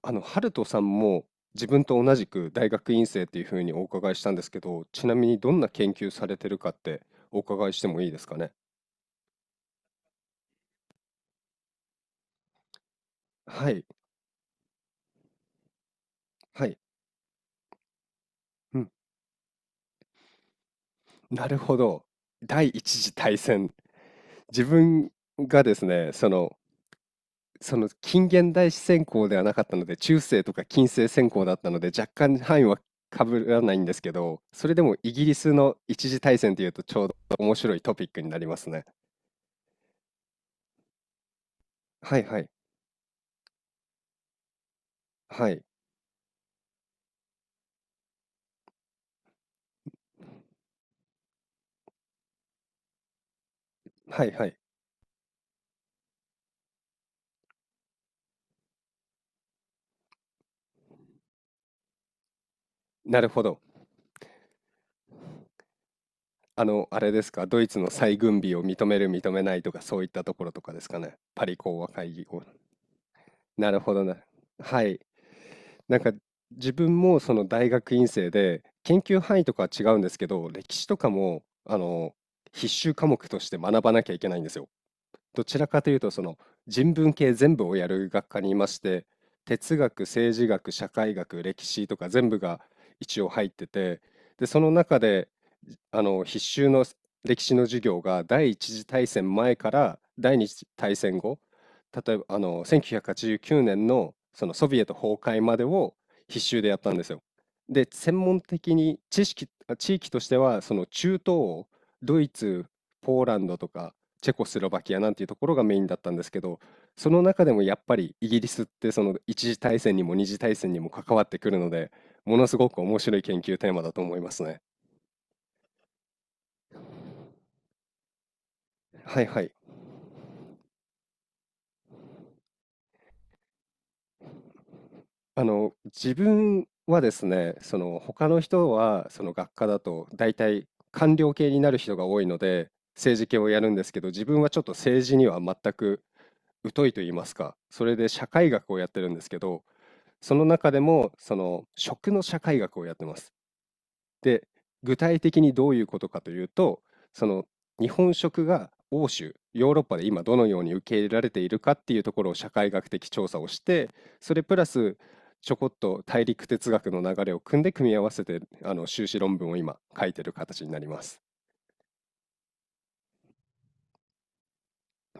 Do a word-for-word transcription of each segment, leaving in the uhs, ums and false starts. あの、ハルトさんも自分と同じく大学院生っていうふうにお伺いしたんですけど、ちなみにどんな研究されてるかってお伺いしてもいいですかね。はい、はい、うん、なるほど。第一次大戦。自分がですね、その、その近現代史専攻ではなかったので、中世とか近世専攻だったので、若干範囲はかぶらないんですけど、それでもイギリスの一次大戦っていうとちょうど面白いトピックになりますね。はいはい、はい、はいはい。なるほど。あの、あれですか、ドイツの再軍備を認める、認めないとか、そういったところとかですかね。パリ講和会議後。なるほどな。はい。なんか、自分もその大学院生で、研究範囲とかは違うんですけど、歴史とかも、あの、必修科目として学ばなきゃいけないんですよ。どちらかというとその人文系全部をやる学科にいまして、哲学、政治学、社会学、歴史とか全部が一応入ってて、で、その中であの必修の歴史の授業が第一次大戦前から第二次大戦後、例えばあのせんきゅうひゃくはちじゅうきゅうねんのそのソビエト崩壊までを必修でやったんですよ。で、専門的に知識あ地域としてはその中東欧、ドイツ、ポーランドとか、チェコスロバキアなんていうところがメインだったんですけど、その中でもやっぱりイギリスってその一次大戦にも二次大戦にも関わってくるので、ものすごく面白い研究テーマだと思いますね。はいはい。あの、自分はですね、その他の人はその学科だと大体官僚系になる人が多いので、政治系をやるんですけど、自分はちょっと政治には全く疎いと言いますか、それで社会学をやってるんですけど、その中でもその食の社会学をやってます。で、具体的にどういうことかというと、その日本食が欧州、ヨーロッパで今どのように受け入れられているかっていうところを社会学的調査をして、それプラスちょこっと大陸哲学の流れを組んで組み合わせて、あの修士論文を今書いてる形になります。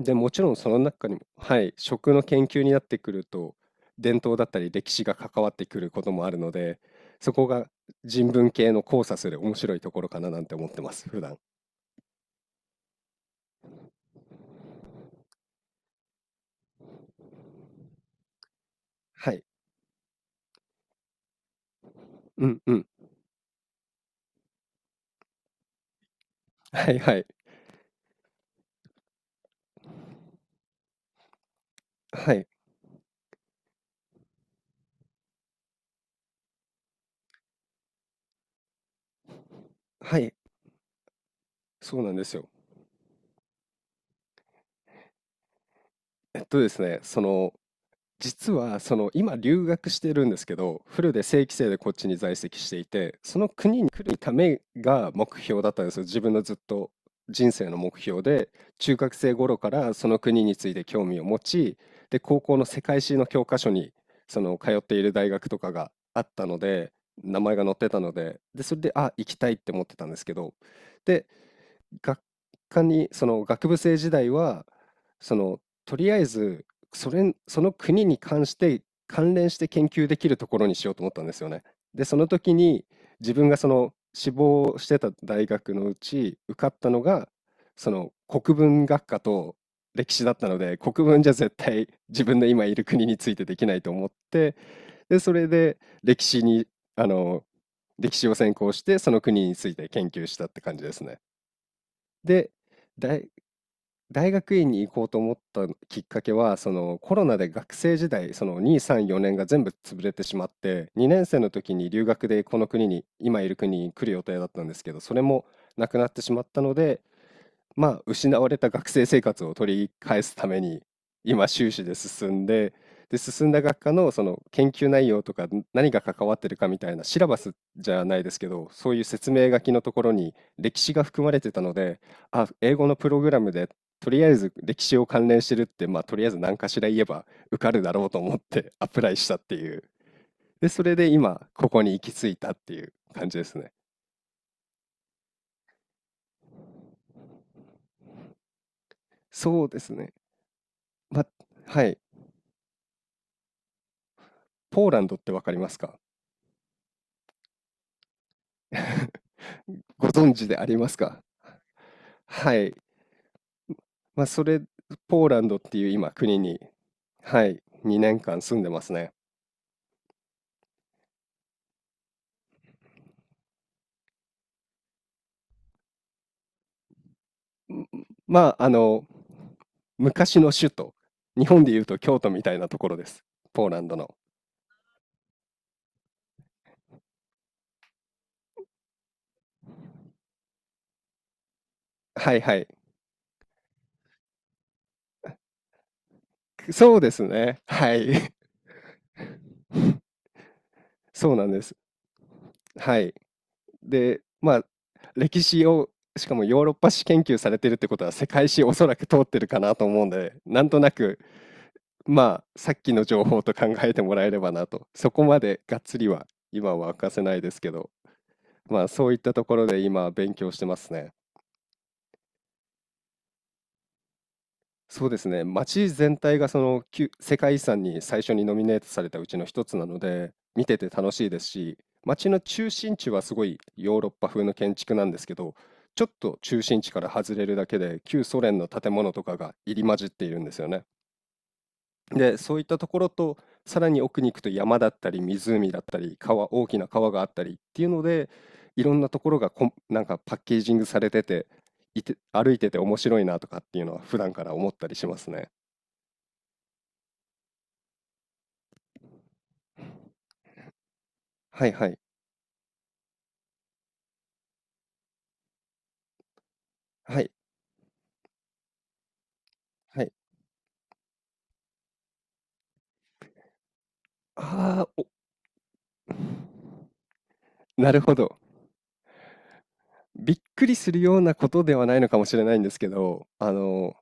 で、もちろんその中にも、はい、食の研究になってくると、伝統だったり歴史が関わってくることもあるので、そこが人文系の交差する面白いところかななんて思ってます、普段。はい。うんうん。はいはい。はい。はい。そうなんですよ。えっとですね、その、実は、その、今留学してるんですけど、フルで正規生でこっちに在籍していて、その国に来るためが目標だったんですよ。自分のずっと人生の目標で、中学生頃からその国について興味を持ち、で、高校の世界史の教科書に、その、通っている大学とかがあったので、名前が載ってたので、で、それで、あ、行きたいって思ってたんですけど、で、学科に、その学部生時代は、その、とりあえず、それ、その国に関して、関連して研究できるところにしようと思ったんですよね。で、その時に、自分がその志望してた大学のうち、受かったのが、その国文学科と歴史だったので、国文じゃ絶対自分の今いる国についてできないと思って、で、それで歴史に、あの、歴史を専攻して、その国について研究したって感じですね。で、大大学院に行こうと思ったきっかけは、そのコロナで学生時代、そのに、さん、よねんが全部潰れてしまって、にねん生の時に留学でこの国に、今いる国に来る予定だったんですけど、それもなくなってしまったので、まあ、失われた学生生活を取り返すために今修士で進んで、で、進んだ学科のその研究内容とか何が関わってるかみたいな、シラバスじゃないですけど、そういう説明書きのところに歴史が含まれてたので、あ、英語のプログラムで、とりあえず歴史を関連してるって、まあとりあえず何かしら言えば受かるだろうと思ってアプライしたっていう、で、それで今ここに行き着いたっていう感じですね。そうですね。まあ、はい。ポーランドってわかりますか？ご存知でありますか？はい。まあ、それ、ポーランドっていう今国に、はい、にねんかん住んでますね。んまあ、あの、昔の首都、日本でいうと京都みたいなところです。ポーランドの。はいはい。そうですね。はい。そうなんです。はい。で、まあ、歴史を、しかもヨーロッパ史研究されてるってことは、世界史おそらく通ってるかなと思うんで、なんとなくまあさっきの情報と考えてもらえればなと、そこまでがっつりは今は明かせないですけど、まあそういったところで今勉強してますね。そうですね、街全体がその旧世界遺産に最初にノミネートされたうちの一つなので、見てて楽しいですし、街の中心地はすごいヨーロッパ風の建築なんですけど、ちょっと中心地から外れるだけで旧ソ連の建物とかが入り混じっているんですよね。で、そういったところと、さらに奥に行くと山だったり湖だったり川、大きな川があったりっていうので、いろんなところがこんなんかパッケージングされてて、いて、歩いてて面白いなとかっていうのは普段から思ったりしますね。はいはい。はい、はい。ああ、お なるほど。びっくりするようなことではないのかもしれないんですけど、あの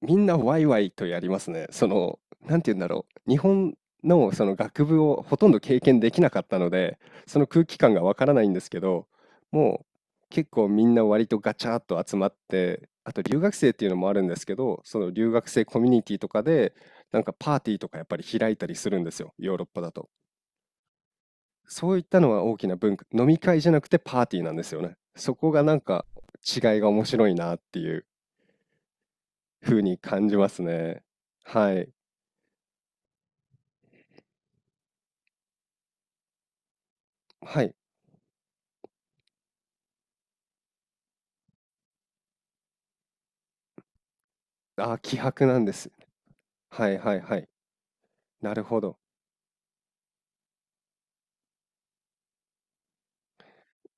みんなワイワイとやりますね。その、なんて言うんだろう。日本のその学部をほとんど経験できなかったので、その空気感がわからないんですけど、もう結構みんな割とガチャっと集まって、あと留学生っていうのもあるんですけど、その留学生コミュニティとかで、なんかパーティーとかやっぱり開いたりするんですよ、ヨーロッパだと。そういったのは大きな文化、飲み会じゃなくてパーティーなんですよね。そこがなんか違いが面白いなっていう風に感じますね。はい。はい。あー、希薄なんです。はいはいはい。なるほど。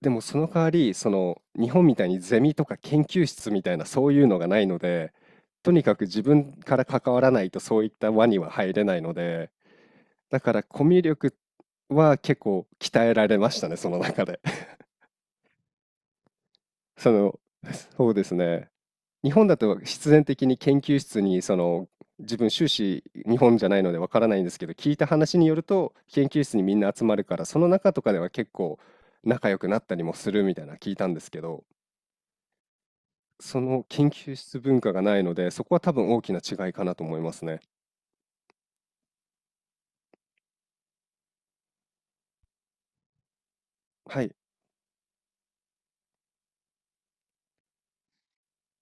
でもその代わり、その日本みたいにゼミとか研究室みたいなそういうのがないので、とにかく自分から関わらないとそういった輪には入れないので、だからコミュ力は結構鍛えられましたね、その中で。その、そうですね。日本だと必然的に研究室にその自分修士日本じゃないのでわからないんですけど、聞いた話によると研究室にみんな集まるから、その中とかでは結構仲良くなったりもするみたいな聞いたんですけど、その研究室文化がないので、そこは多分大きな違いかなと思いますね。はい。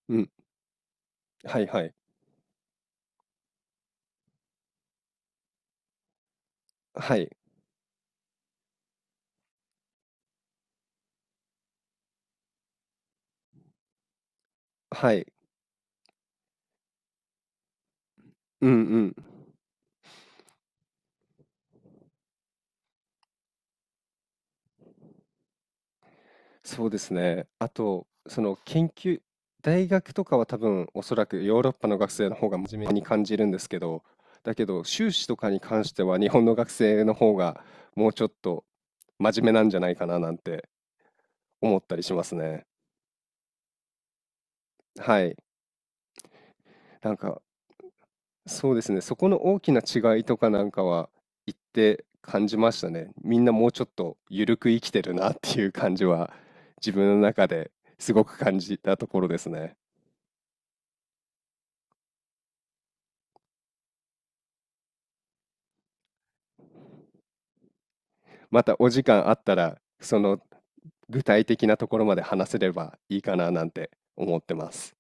うん。はいはい。はい。はい。うんうん。そうですね。あと、その研究、大学とかは多分おそらくヨーロッパの学生の方が真面目に感じるんですけど、だけど修士とかに関しては日本の学生の方がもうちょっと真面目なんじゃないかななんて思ったりしますね。はい。なんかそうですね。そこの大きな違いとかなんかは言って感じましたね。みんなもうちょっと緩く生きてるなっていう感じは自分の中ですごく感じたところですね。またお時間あったら、その具体的なところまで話せればいいかななんて思ってます。